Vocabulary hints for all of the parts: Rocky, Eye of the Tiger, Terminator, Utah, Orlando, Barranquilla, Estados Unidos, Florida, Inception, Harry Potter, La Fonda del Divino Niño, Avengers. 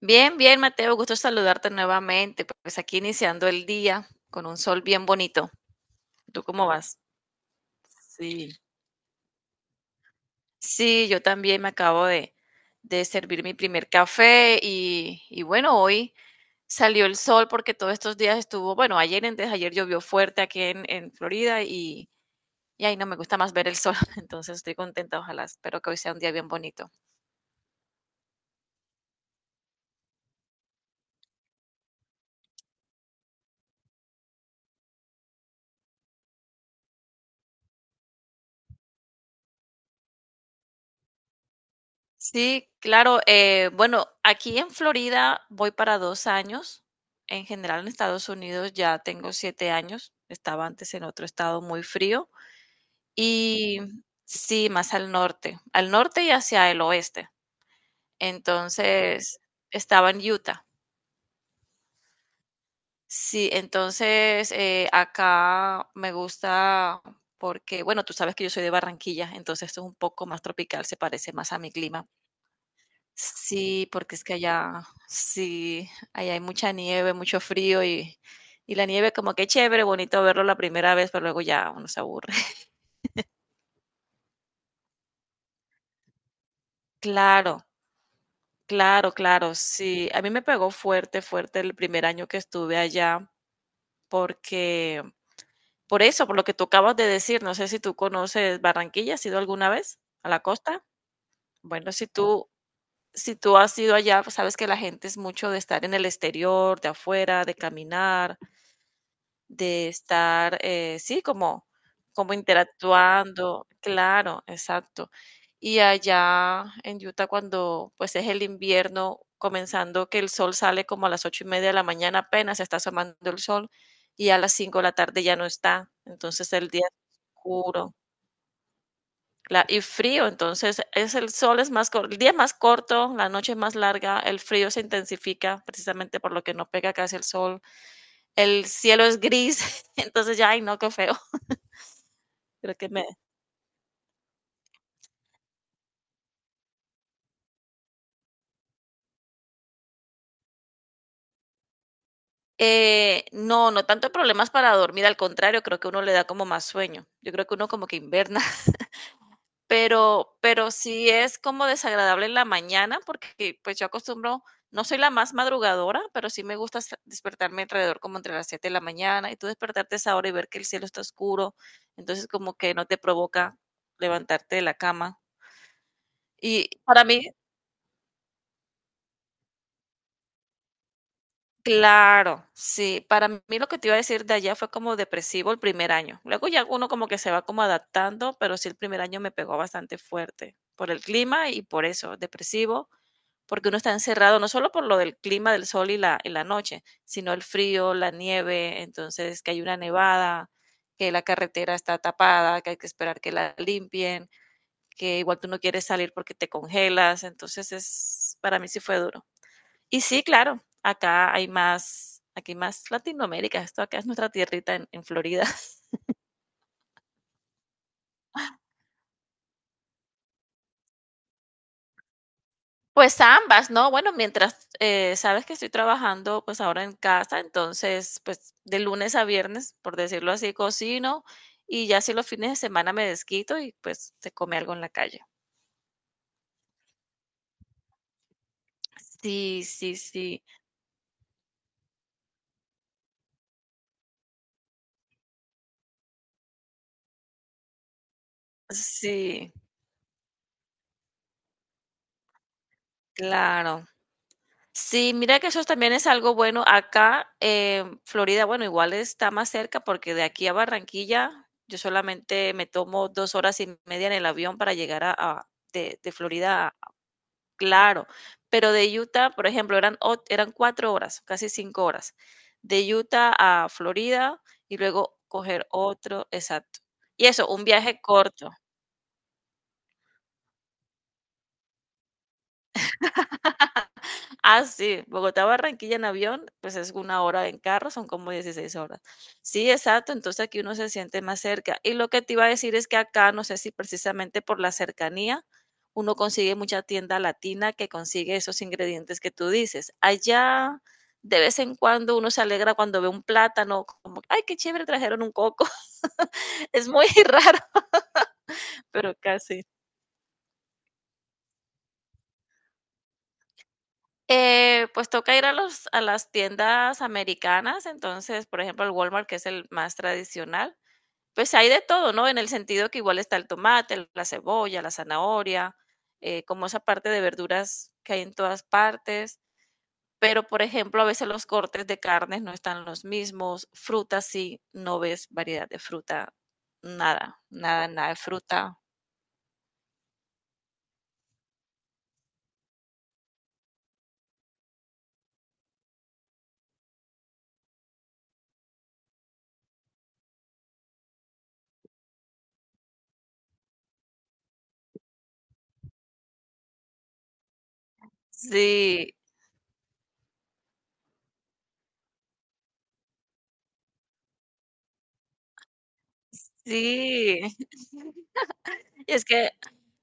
Bien, bien, Mateo, gusto saludarte nuevamente. Pues aquí iniciando el día con un sol bien bonito. ¿Tú cómo vas? Sí, sí, yo también me acabo de servir mi primer café y bueno, hoy salió el sol porque todos estos días estuvo, bueno, ayer, antes de ayer llovió fuerte aquí en Florida y ahí no me gusta más ver el sol, entonces estoy contenta, ojalá, espero que hoy sea un día bien bonito. Sí, claro. Bueno, aquí en Florida voy para 2 años. En general, en Estados Unidos ya tengo 7 años. Estaba antes en otro estado muy frío. Y sí, más al norte y hacia el oeste. Entonces, estaba en Utah. Sí, entonces acá me gusta porque, bueno, tú sabes que yo soy de Barranquilla, entonces esto es un poco más tropical, se parece más a mi clima. Sí, porque es que allá, sí, allá hay mucha nieve, mucho frío y la nieve como que chévere, bonito verlo la primera vez, pero luego ya uno se aburre. Claro, claro, claro, sí. A mí me pegó fuerte, fuerte el primer año que estuve allá porque, por eso, por lo que tú acabas de decir, no sé si tú conoces Barranquilla, ¿has ido alguna vez a la costa? Bueno, si tú has ido allá, pues sabes que la gente es mucho de estar en el exterior, de afuera, de caminar. De estar, sí, como interactuando, claro, exacto. Y allá en Utah, cuando pues es el invierno, comenzando que el sol sale como a las 8:30 de la mañana, apenas está asomando el sol, y a las 5 de la tarde ya no está. Entonces el día es oscuro y frío. Entonces es el sol es más corto, el día es más corto, la noche es más larga, el frío se intensifica precisamente por lo que no pega casi el sol, el cielo es gris. Entonces ya, ay no, qué feo. Creo que me... No, no tanto problemas para dormir, al contrario, creo que uno le da como más sueño. Yo creo que uno como que inverna. Pero sí es como desagradable en la mañana porque pues yo acostumbro, no soy la más madrugadora, pero sí me gusta despertarme alrededor como entre las 7 de la mañana y tú despertarte a esa hora y ver que el cielo está oscuro, entonces como que no te provoca levantarte de la cama. Y para mí, claro, sí. Para mí lo que te iba a decir de allá fue como depresivo el primer año. Luego ya uno como que se va como adaptando, pero sí el primer año me pegó bastante fuerte por el clima y por eso, depresivo, porque uno está encerrado, no solo por lo del clima del sol y la noche, sino el frío, la nieve, entonces que hay una nevada, que la carretera está tapada, que hay que esperar que la limpien, que igual tú no quieres salir porque te congelas, entonces para mí sí fue duro. Y sí, claro, acá hay más, aquí más Latinoamérica, esto acá es nuestra tierrita en Florida. Pues ambas, ¿no? Bueno, mientras sabes que estoy trabajando pues ahora en casa, entonces pues de lunes a viernes, por decirlo así, cocino y ya si los fines de semana me desquito y pues se come algo en la calle. Sí, sí, sí, sí, claro. Sí, mira que eso también es algo bueno. Acá, en Florida, bueno, igual está más cerca porque de aquí a Barranquilla yo solamente me tomo 2 horas y media en el avión para llegar de Florida a. Claro. Pero de Utah, por ejemplo, eran 4 horas, casi 5 horas. De Utah a Florida y luego coger otro, exacto. Y eso, un viaje corto. Ah, sí, Bogotá Barranquilla en avión, pues es 1 hora; en carro, son como 16 horas. Sí, exacto, entonces aquí uno se siente más cerca. Y lo que te iba a decir es que acá, no sé si precisamente por la cercanía, uno consigue mucha tienda latina que consigue esos ingredientes que tú dices. Allá, de vez en cuando, uno se alegra cuando ve un plátano, como, ay, qué chévere, trajeron un coco. Es muy raro, pero casi. Pues toca ir a las tiendas americanas, entonces, por ejemplo, el Walmart, que es el más tradicional, pues hay de todo, ¿no? En el sentido que igual está el tomate, la cebolla, la zanahoria, como esa parte de verduras que hay en todas partes, pero por ejemplo, a veces los cortes de carnes no están los mismos, frutas sí, no ves variedad de fruta, nada, nada, nada de fruta. Sí, sí, es que,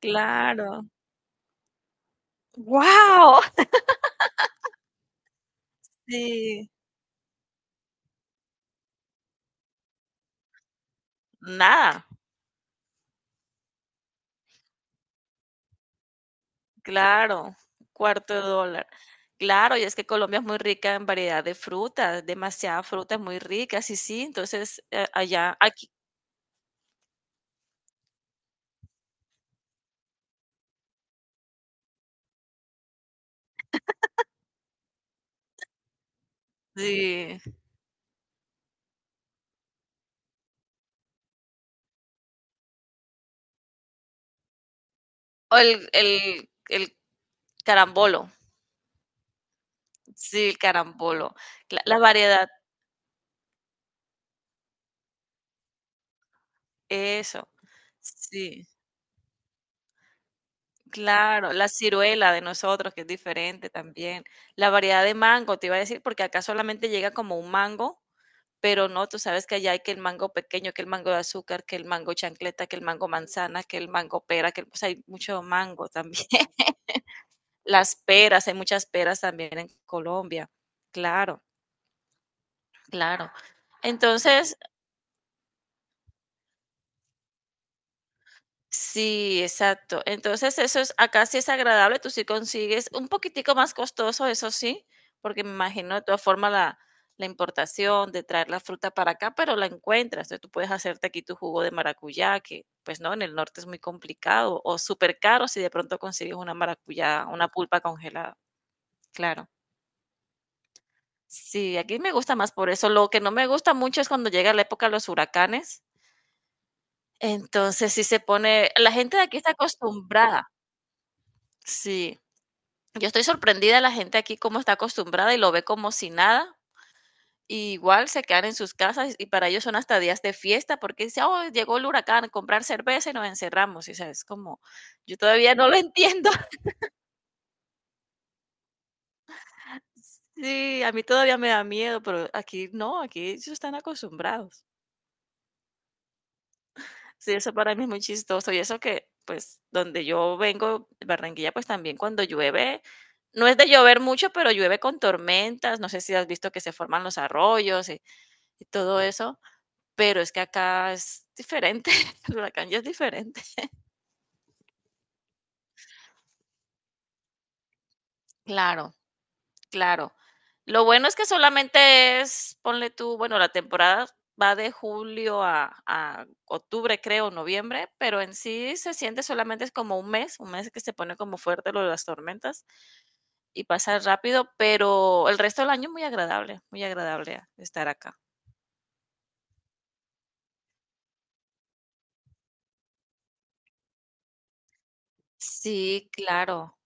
claro, wow, sí. Nada, claro, cuarto de dólar. Claro, y es que Colombia es muy rica en variedad de frutas, demasiadas frutas muy ricas, y sí, entonces allá, aquí, sí. O el carambolo, sí, el carambolo, la variedad, eso, sí, claro, la ciruela de nosotros, que es diferente también, la variedad de mango, te iba a decir, porque acá solamente llega como un mango. Pero no, tú sabes que allá hay que el mango pequeño, que el mango de azúcar, que el mango chancleta, que el mango manzana, que el mango pera, que pues hay mucho mango también. Las peras, hay muchas peras también en Colombia. Claro, claro. Entonces, sí, exacto. Entonces, eso es acá sí es agradable, tú sí consigues un poquitico más costoso, eso sí, porque me imagino de todas formas la importación de traer la fruta para acá, pero la encuentras. Entonces, tú puedes hacerte aquí tu jugo de maracuyá, que pues no, en el norte es muy complicado o súper caro si de pronto consigues una maracuyá, una pulpa congelada. Claro. Sí, aquí me gusta más por eso. Lo que no me gusta mucho es cuando llega la época de los huracanes. Entonces, sí se pone, la gente de aquí está acostumbrada. Sí, yo estoy sorprendida de la gente aquí cómo está acostumbrada y lo ve como si nada. Y igual se quedan en sus casas y para ellos son hasta días de fiesta porque dice, oh, llegó el huracán a comprar cerveza y nos encerramos. Y, o sea, es como, yo todavía no lo entiendo. Sí, a mí todavía me da miedo, pero aquí no, aquí ellos están acostumbrados. Sí, eso para mí es muy chistoso. Y eso que, pues, donde yo vengo, Barranquilla, pues también cuando llueve, no es de llover mucho, pero llueve con tormentas. No sé si has visto que se forman los arroyos y todo eso. Pero es que acá es diferente, el huracán ya es diferente. Claro, claro. Lo bueno es que solamente es, ponle tú, bueno, la temporada va de julio a octubre, creo, noviembre, pero en sí se siente solamente es como un mes que se pone como fuerte lo de las tormentas y pasa rápido, pero el resto del año muy agradable estar acá. Sí, claro.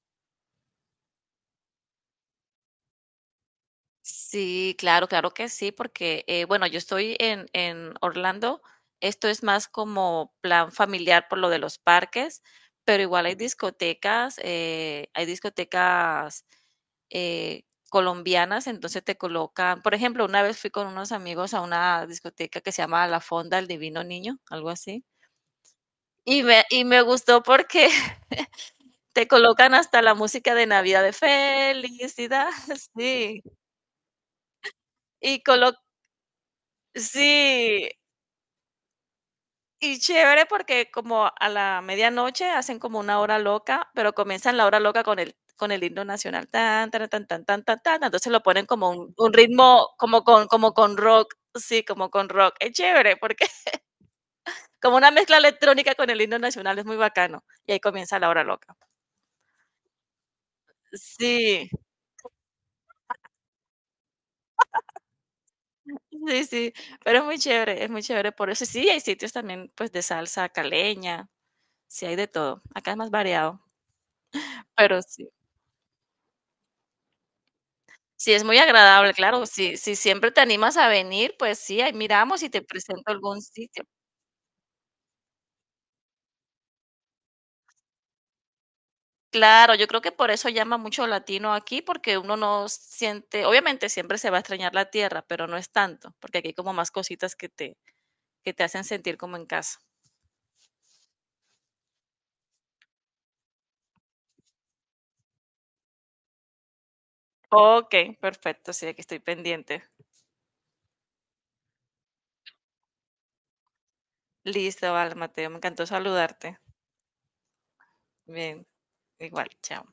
Sí, claro, claro que sí, porque, bueno, yo estoy en Orlando, esto es más como plan familiar por lo de los parques, pero igual hay discotecas, eh, colombianas, entonces te colocan, por ejemplo, una vez fui con unos amigos a una discoteca que se llama La Fonda del Divino Niño, algo así, y me gustó porque te colocan hasta la música de Navidad de felicidad. Sí, y colo sí, y chévere porque como a la medianoche hacen como una hora loca, pero comienzan la hora loca con el himno nacional, tan, tan, tan, tan, tan, tan, tan, entonces lo ponen como un ritmo, como con rock, sí, como con rock, es chévere, porque como una mezcla electrónica con el himno nacional, es muy bacano, y ahí comienza la hora loca. Sí, sí, sí, pero es muy chévere por eso, sí, hay sitios también, pues, de salsa caleña, sí hay de todo, acá es más variado, pero sí. Sí, es muy agradable, claro. Si siempre te animas a venir, pues sí, ahí miramos y te presento algún sitio. Claro, yo creo que por eso llama mucho latino aquí, porque uno no siente obviamente siempre se va a extrañar la tierra, pero no es tanto, porque aquí hay como más cositas que te hacen sentir como en casa. Okey, perfecto, sí, aquí estoy pendiente. Listo, vale, Mateo, me encantó saludarte. Bien, igual, chao.